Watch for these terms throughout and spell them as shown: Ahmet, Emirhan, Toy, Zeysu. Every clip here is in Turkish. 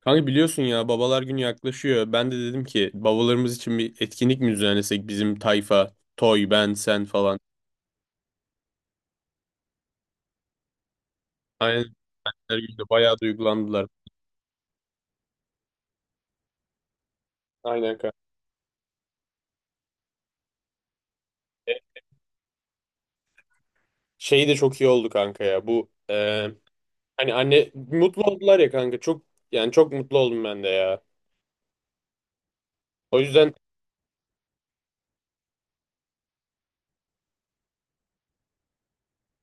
Kanka biliyorsun ya babalar günü yaklaşıyor. Ben de dedim ki babalarımız için bir etkinlik mi düzenlesek bizim tayfa, Toy, ben, sen falan. Aynen benler günü de bayağı duygulandılar. Aynen kanka. E, Şey de çok iyi oldu kanka ya bu hani anne mutlu oldular ya kanka çok yani çok mutlu oldum ben de ya. O yüzden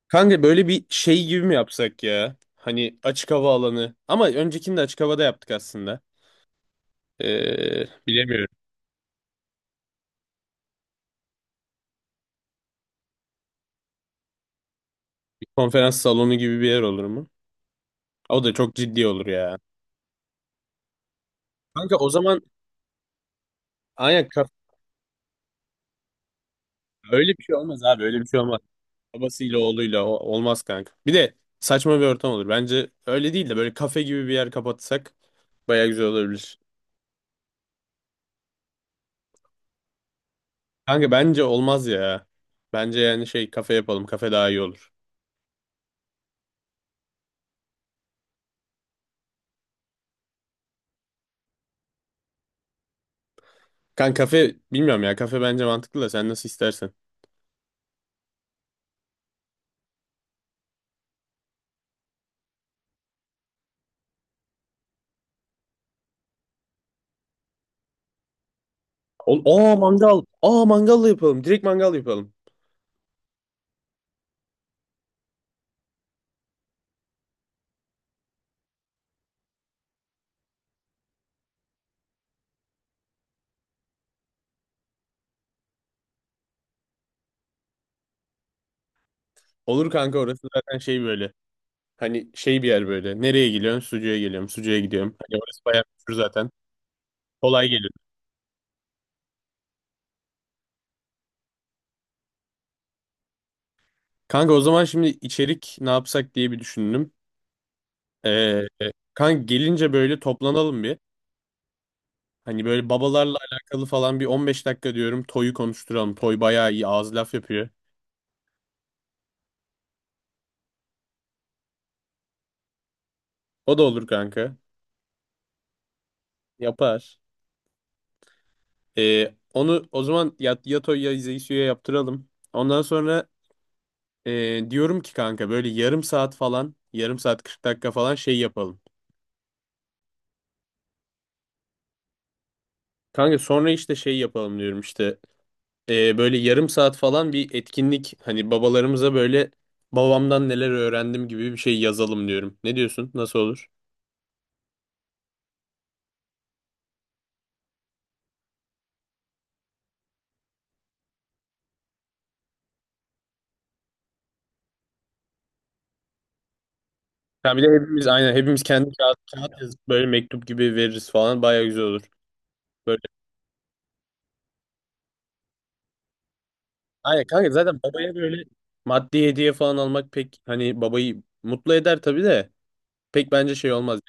kanka böyle bir şey gibi mi yapsak ya? Hani açık hava alanı ama öncekini de açık havada yaptık aslında. Bilemiyorum. Bir konferans salonu gibi bir yer olur mu? O da çok ciddi olur ya. Kanka o zaman aynen öyle bir şey olmaz abi öyle bir şey olmaz. Babasıyla oğluyla olmaz kanka. Bir de saçma bir ortam olur. Bence öyle değil de böyle kafe gibi bir yer kapatsak baya güzel olabilir. Kanka bence olmaz ya. Bence yani şey kafe yapalım, kafe daha iyi olur. Kanka kafe bilmiyorum ya, kafe bence mantıklı da sen nasıl istersen. Ol aa mangal. Aa, mangal da yapalım. Direkt mangal yapalım. Olur kanka, orası zaten şey böyle. Hani şey bir yer böyle. Nereye geliyorsun? Sucuğa geliyorum. Sucuğa gidiyorum. Hani orası bayağı meşhur zaten. Kolay geliyor. Kanka o zaman şimdi içerik ne yapsak diye bir düşündüm. Ee, kanka gelince böyle toplanalım bir. Hani böyle babalarla alakalı falan bir 15 dakika diyorum. Toy'u konuşturalım. Toy bayağı iyi ağız laf yapıyor. O da olur kanka. Yapar. Onu o zaman ya, ya Toy ya Zeysu'ya yaptıralım. Ondan sonra diyorum ki kanka böyle yarım saat falan yarım saat 40 dakika falan şey yapalım. Kanka sonra işte şey yapalım diyorum işte. Böyle yarım saat falan bir etkinlik hani babalarımıza böyle babamdan neler öğrendim gibi bir şey yazalım diyorum. Ne diyorsun? Nasıl olur? Ya bir de hepimiz aynen hepimiz kendi kağıt yazıp böyle mektup gibi veririz falan, baya güzel olur. Böyle aynen kanka, zaten babaya böyle maddi hediye falan almak pek hani babayı mutlu eder tabii de pek bence şey olmaz.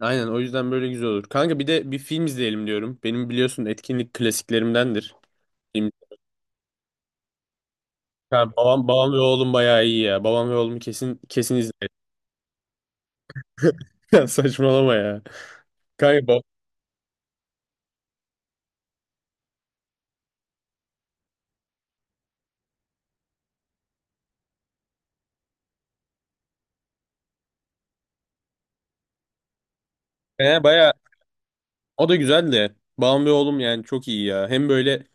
Aynen, o yüzden böyle güzel olur. Kanka bir de bir film izleyelim diyorum. Benim biliyorsun etkinlik klasiklerimdendir. Film. Ha, babam ve oğlum bayağı iyi ya. Babam ve oğlumu kesin kesin izlerim. Ya saçmalama ya. Kanka baya o da güzeldi. Babam ve oğlum yani çok iyi ya. Hem böyle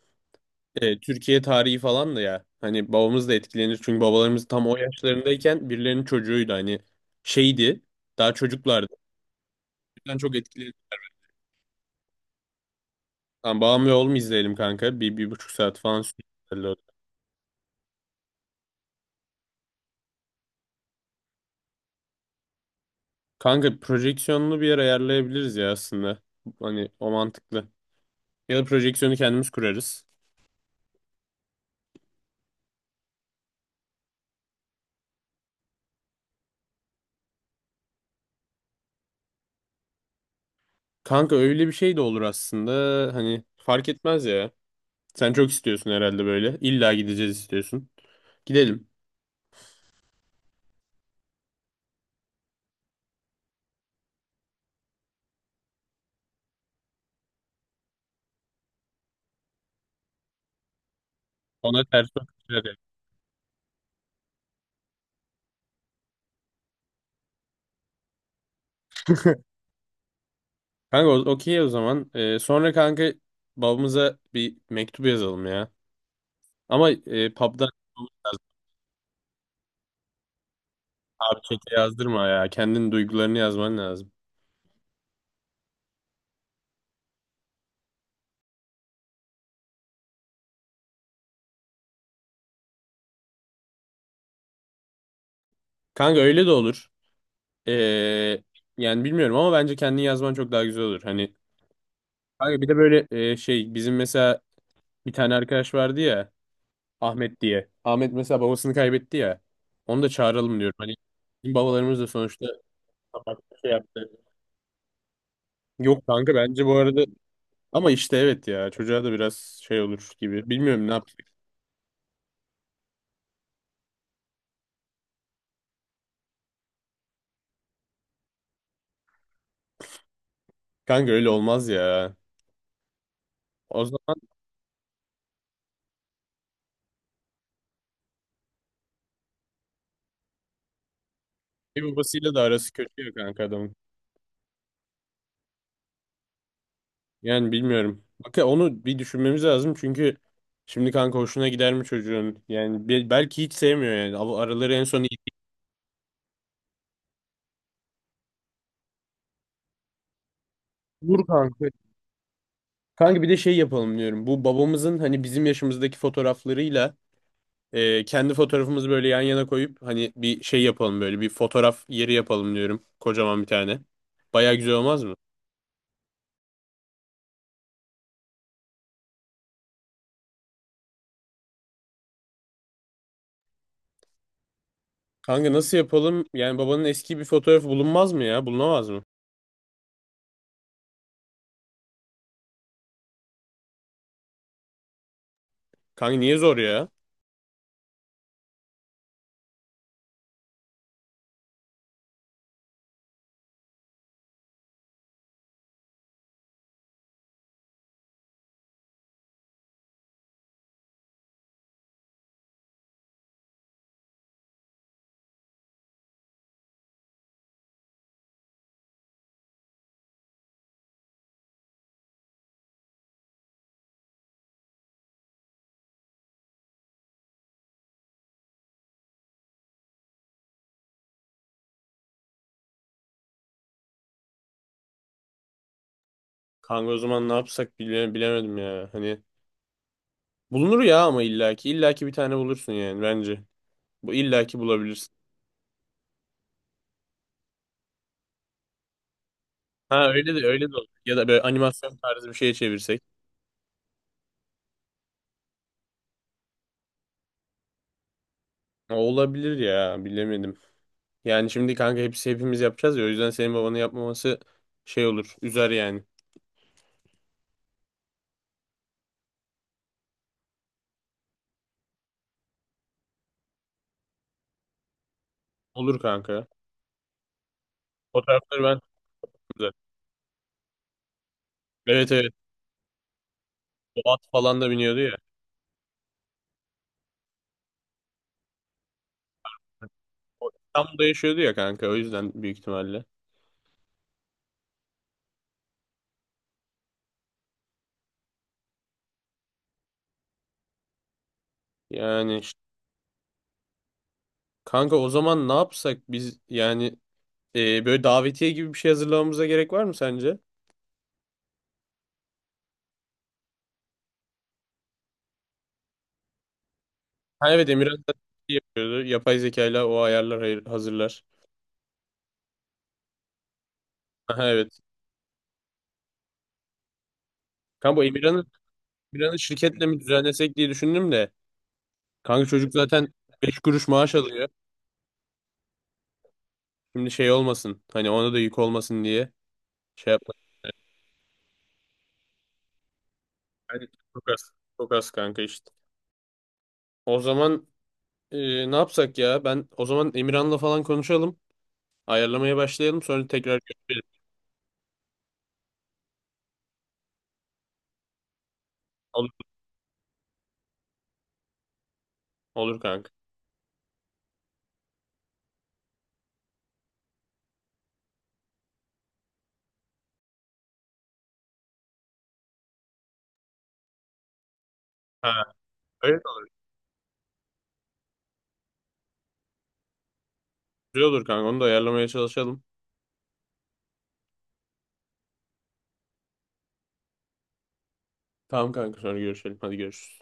Türkiye tarihi falan da ya. Hani babamız da etkilenir. Çünkü babalarımız tam o yaşlarındayken birilerinin çocuğuydu. Hani şeydi. Daha çocuklardı. O yüzden çok etkilenir. Tamam, babam ve oğlum izleyelim kanka. Bir buçuk saat falan sürüyor. Kanka projeksiyonunu bir yer ayarlayabiliriz ya aslında. Hani o mantıklı. Ya da projeksiyonu kendimiz kurarız. Kanka öyle bir şey de olur aslında. Hani fark etmez ya. Sen çok istiyorsun herhalde böyle. İlla gideceğiz istiyorsun. Gidelim. Ona ters bakışlar yap. Kanka okey o zaman. Sonra kanka babamıza bir mektup yazalım ya. Ama pub'dan yazmamız lazım. Abi çete yazdırma ya. Kendin duygularını yazman lazım. Kanka öyle de olur. Ee, yani bilmiyorum ama bence kendin yazman çok daha güzel olur. Hani kanka bir de böyle şey bizim mesela bir tane arkadaş vardı ya, Ahmet diye. Ahmet mesela babasını kaybetti ya. Onu da çağıralım diyorum. Hani bizim babalarımız da sonuçta bak şey yaptı. Yok kanka bence bu arada ama işte evet ya, çocuğa da biraz şey olur gibi. Bilmiyorum ne yapacak. Kanka öyle olmaz ya. O zaman ev babasıyla da arası kötü ya kanka adamın. Yani bilmiyorum. Bak ya, onu bir düşünmemiz lazım çünkü şimdi kanka hoşuna gider mi çocuğun? Yani belki hiç sevmiyor yani. Araları en son iyi. Dur kanka. Kanka bir de şey yapalım diyorum. Bu babamızın hani bizim yaşımızdaki fotoğraflarıyla kendi fotoğrafımızı böyle yan yana koyup hani bir şey yapalım, böyle bir fotoğraf yeri yapalım diyorum. Kocaman bir tane. Baya güzel olmaz mı? Kanka nasıl yapalım? Yani babanın eski bir fotoğrafı bulunmaz mı ya? Bulunamaz mı? Kanka niye zor ya? Kanka o zaman ne yapsak bilemedim ya. Hani bulunur ya ama illaki illaki bir tane bulursun yani bence. Bu illaki bulabilirsin. Ha öyle de öyle de olur. Ya da böyle animasyon tarzı bir şeye çevirsek. Ha, olabilir ya, bilemedim. Yani şimdi kanka hepsi hepimiz yapacağız ya, o yüzden senin babanın yapmaması şey olur. Üzer yani. Olur kanka. Fotoğrafları ben tuttum zaten. Evet evet. O at falan da biniyordu ya. O İstanbul'da yaşıyordu ya kanka, o yüzden büyük ihtimalle. Yani kanka o zaman ne yapsak biz yani böyle davetiye gibi bir şey hazırlamamıza gerek var mı sence? Ha evet, Emirhan zaten şey yapıyordu. Yapay zekayla o ayarlar hazırlar. Aha evet. Kanka bu Emirhan'ı şirketle mi düzenlesek diye düşündüm de. Kanka çocuk zaten 5 kuruş maaş alıyor. Şimdi şey olmasın. Hani ona da yük olmasın diye şey yapmak. Yani çok az. Çok az kanka işte. O zaman ne yapsak ya? Ben o zaman Emirhan'la falan konuşalım. Ayarlamaya başlayalım. Sonra tekrar görüşelim. Olur, olur kanka. Ha, öyle de olur. Güzel olur kanka. Onu da ayarlamaya çalışalım. Tamam kanka, sonra görüşelim. Hadi görüşürüz.